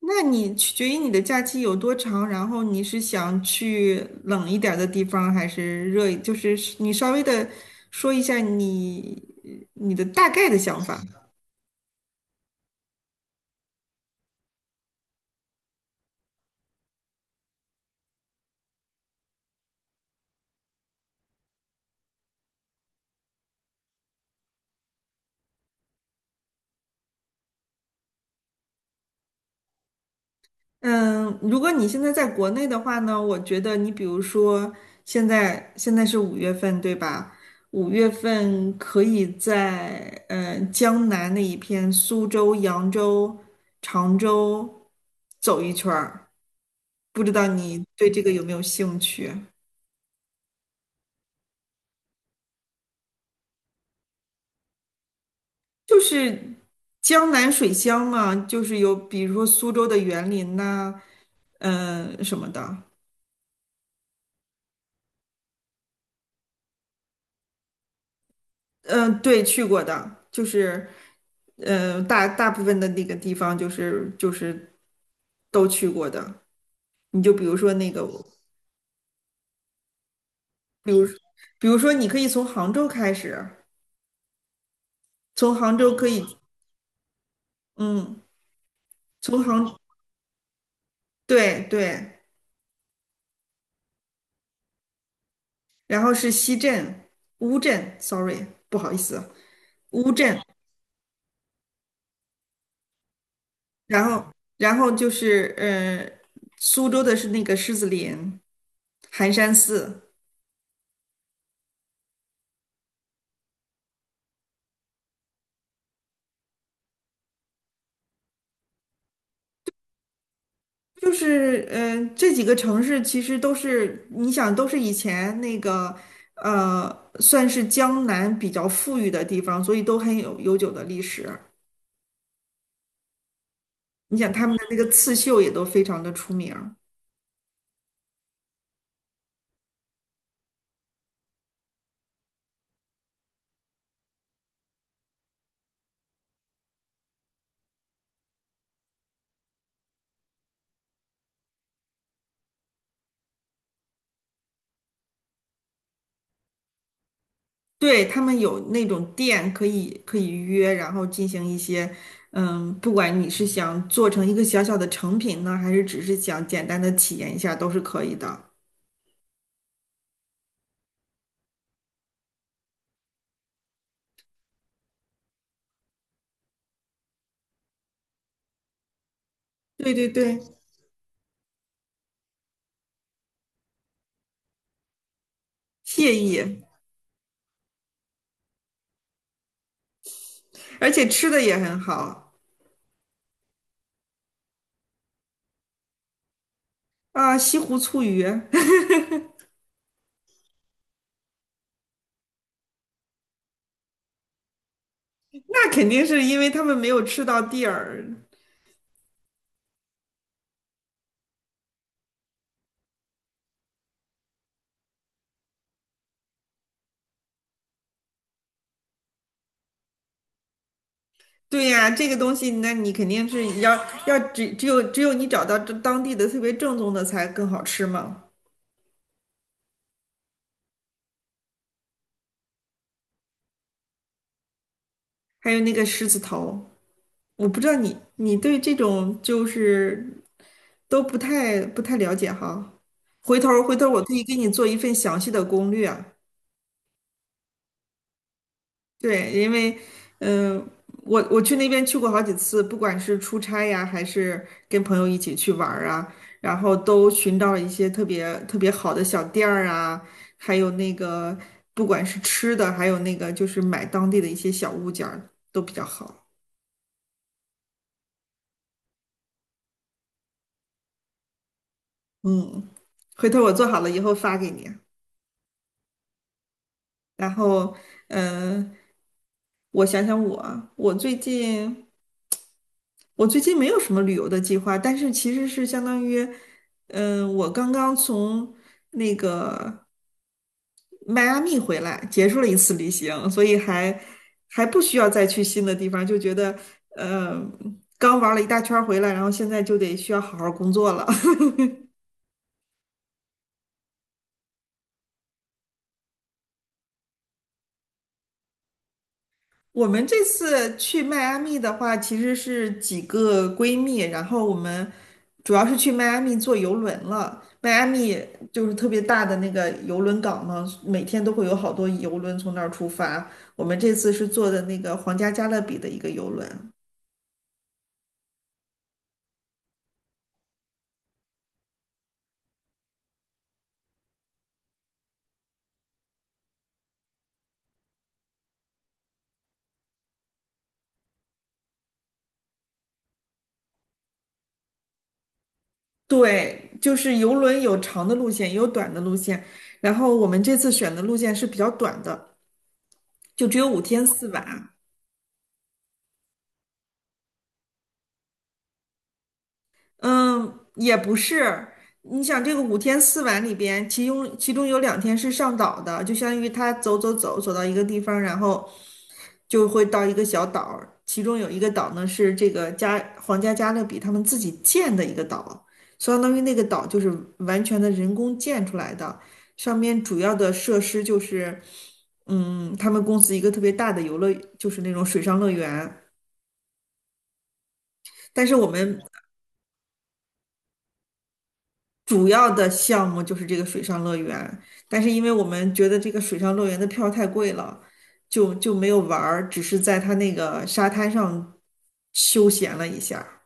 那你取决于你的假期有多长，然后你是想去冷一点儿的地方，还是热一就是你稍微的说一下你的大概的想法。嗯，如果你现在在国内的话呢，我觉得你比如说现在是五月份，对吧？五月份可以在江南那一片，苏州、扬州、常州走一圈儿，不知道你对这个有没有兴趣？就是江南水乡嘛，就是有比如说苏州的园林呐、什么的。对，去过的，就是大大部分的那个地方就是都去过的。你就比如说那个，比如比如说你可以从杭州开始，从杭州可以，嗯，从杭，对对，然后是西镇、乌镇，sorry,不好意思，乌镇。然后，然后就是，苏州的是那个狮子林、寒山寺。就是，这几个城市其实都是你想都是以前那个，算是江南比较富裕的地方，所以都很有悠久的历史。你想他们的那个刺绣也都非常的出名儿。对，他们有那种店可以约，然后进行一些，嗯，不管你是想做成一个小小的成品呢，还是只是想简单的体验一下，都是可以的。对对对，惬意，而且吃的也很好啊，西湖醋鱼。那肯定是因为他们没有吃到地儿。对呀，这个东西，那你肯定是要只有你找到这当地的特别正宗的才更好吃嘛。还有那个狮子头。我不知道你对这种就是都不太了解哈。回头儿我可以给你做一份详细的攻略啊。对，因为嗯、呃我去那边去过好几次，不管是出差呀，还是跟朋友一起去玩儿啊，然后都寻到了一些特别特别好的小店儿啊，还有那个不管是吃的，还有那个就是买当地的一些小物件儿都比较好。嗯，回头我做好了以后发给你啊。然后，嗯，我想想我啊我最近没有什么旅游的计划，但是其实是相当于，嗯、我刚刚从那个迈阿密回来，结束了一次旅行，所以还还不需要再去新的地方，就觉得，嗯，刚玩了一大圈儿回来，然后现在就得需要好好工作了。我们这次去迈阿密的话，其实是几个闺蜜，然后我们主要是去迈阿密坐游轮了。迈阿密就是特别大的那个游轮港嘛，每天都会有好多游轮从那儿出发。我们这次是坐的那个皇家加勒比的一个游轮。对，就是游轮有长的路线，也有短的路线。然后我们这次选的路线是比较短的，就只有五天四晚。嗯，也不是。你想这个五天四晚里边，其中有2天是上岛的，就相当于他走到一个地方，然后就会到一个小岛儿，其中有一个岛呢是这个皇家加勒比他们自己建的一个岛，相当于那个岛就是完全的人工建出来的，上面主要的设施就是，嗯，他们公司一个特别大的游乐，就是那种水上乐园。但是我们主要的项目就是这个水上乐园，但是因为我们觉得这个水上乐园的票太贵了。就就没有玩儿，只是在它那个沙滩上休闲了一下。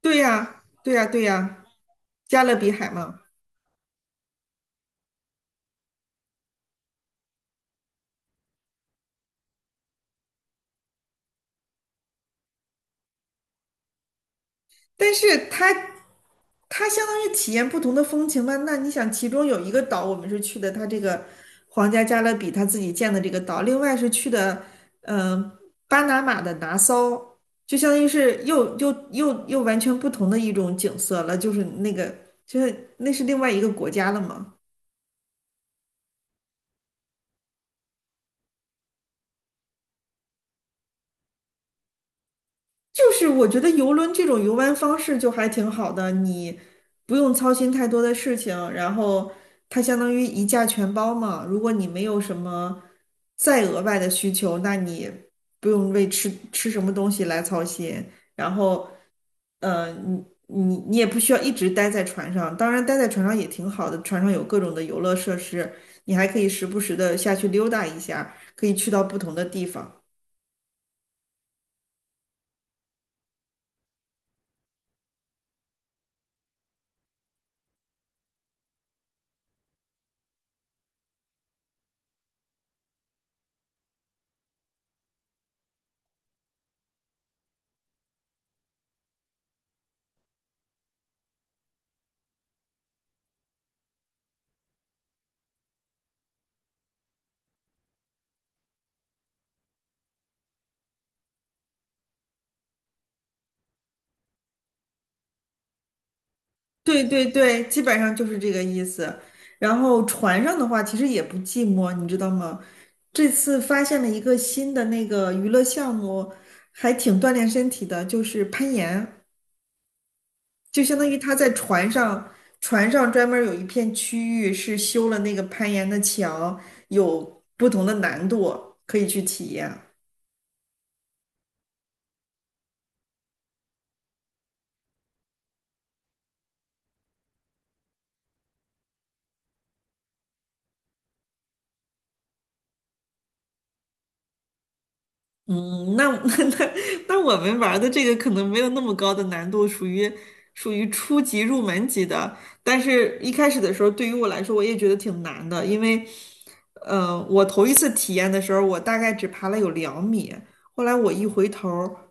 对呀，对呀，对呀，加勒比海嘛。但是它相当于体验不同的风情嘛。那你想，其中有一个岛我们是去的，它这个皇家加勒比他自己建的这个岛，另外是去的嗯、呃巴拿马的拿骚，就相当于是又完全不同的一种景色了，就是那个就是那是另外一个国家了嘛。就是我觉得游轮这种游玩方式就还挺好的，你不用操心太多的事情，然后它相当于一价全包嘛。如果你没有什么再额外的需求，那你不用为吃什么东西来操心。然后，你也不需要一直待在船上，当然待在船上也挺好的，船上有各种的游乐设施，你还可以时不时的下去溜达一下，可以去到不同的地方。对对对，基本上就是这个意思。然后船上的话，其实也不寂寞，你知道吗？这次发现了一个新的那个娱乐项目，还挺锻炼身体的，就是攀岩。就相当于他在船上，船上专门有一片区域是修了那个攀岩的墙，有不同的难度可以去体验。嗯，那 那那我们玩儿的这个可能没有那么高的难度，属于初级入门级的。但是一开始的时候，对于我来说，我也觉得挺难的，因为，我头一次体验的时候，我大概只爬了有两米，后来我一回头儿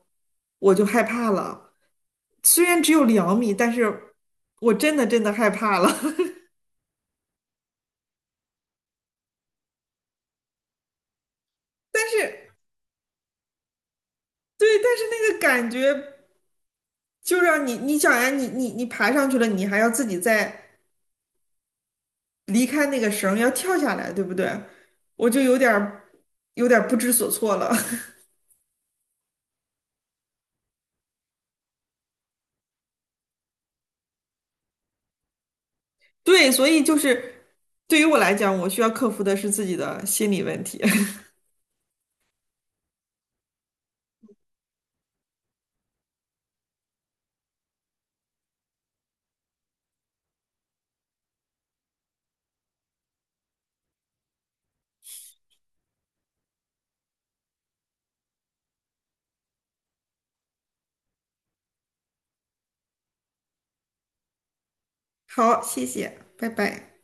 我就害怕了。虽然只有两米，但是我真的害怕了。但是对，但是那个感觉就让你，你想呀，你爬上去了，你还要自己再离开那个绳儿要跳下来，对不对？我就有点儿不知所措了。对，所以就是对于我来讲，我需要克服的是自己的心理问题。好，谢谢，拜拜。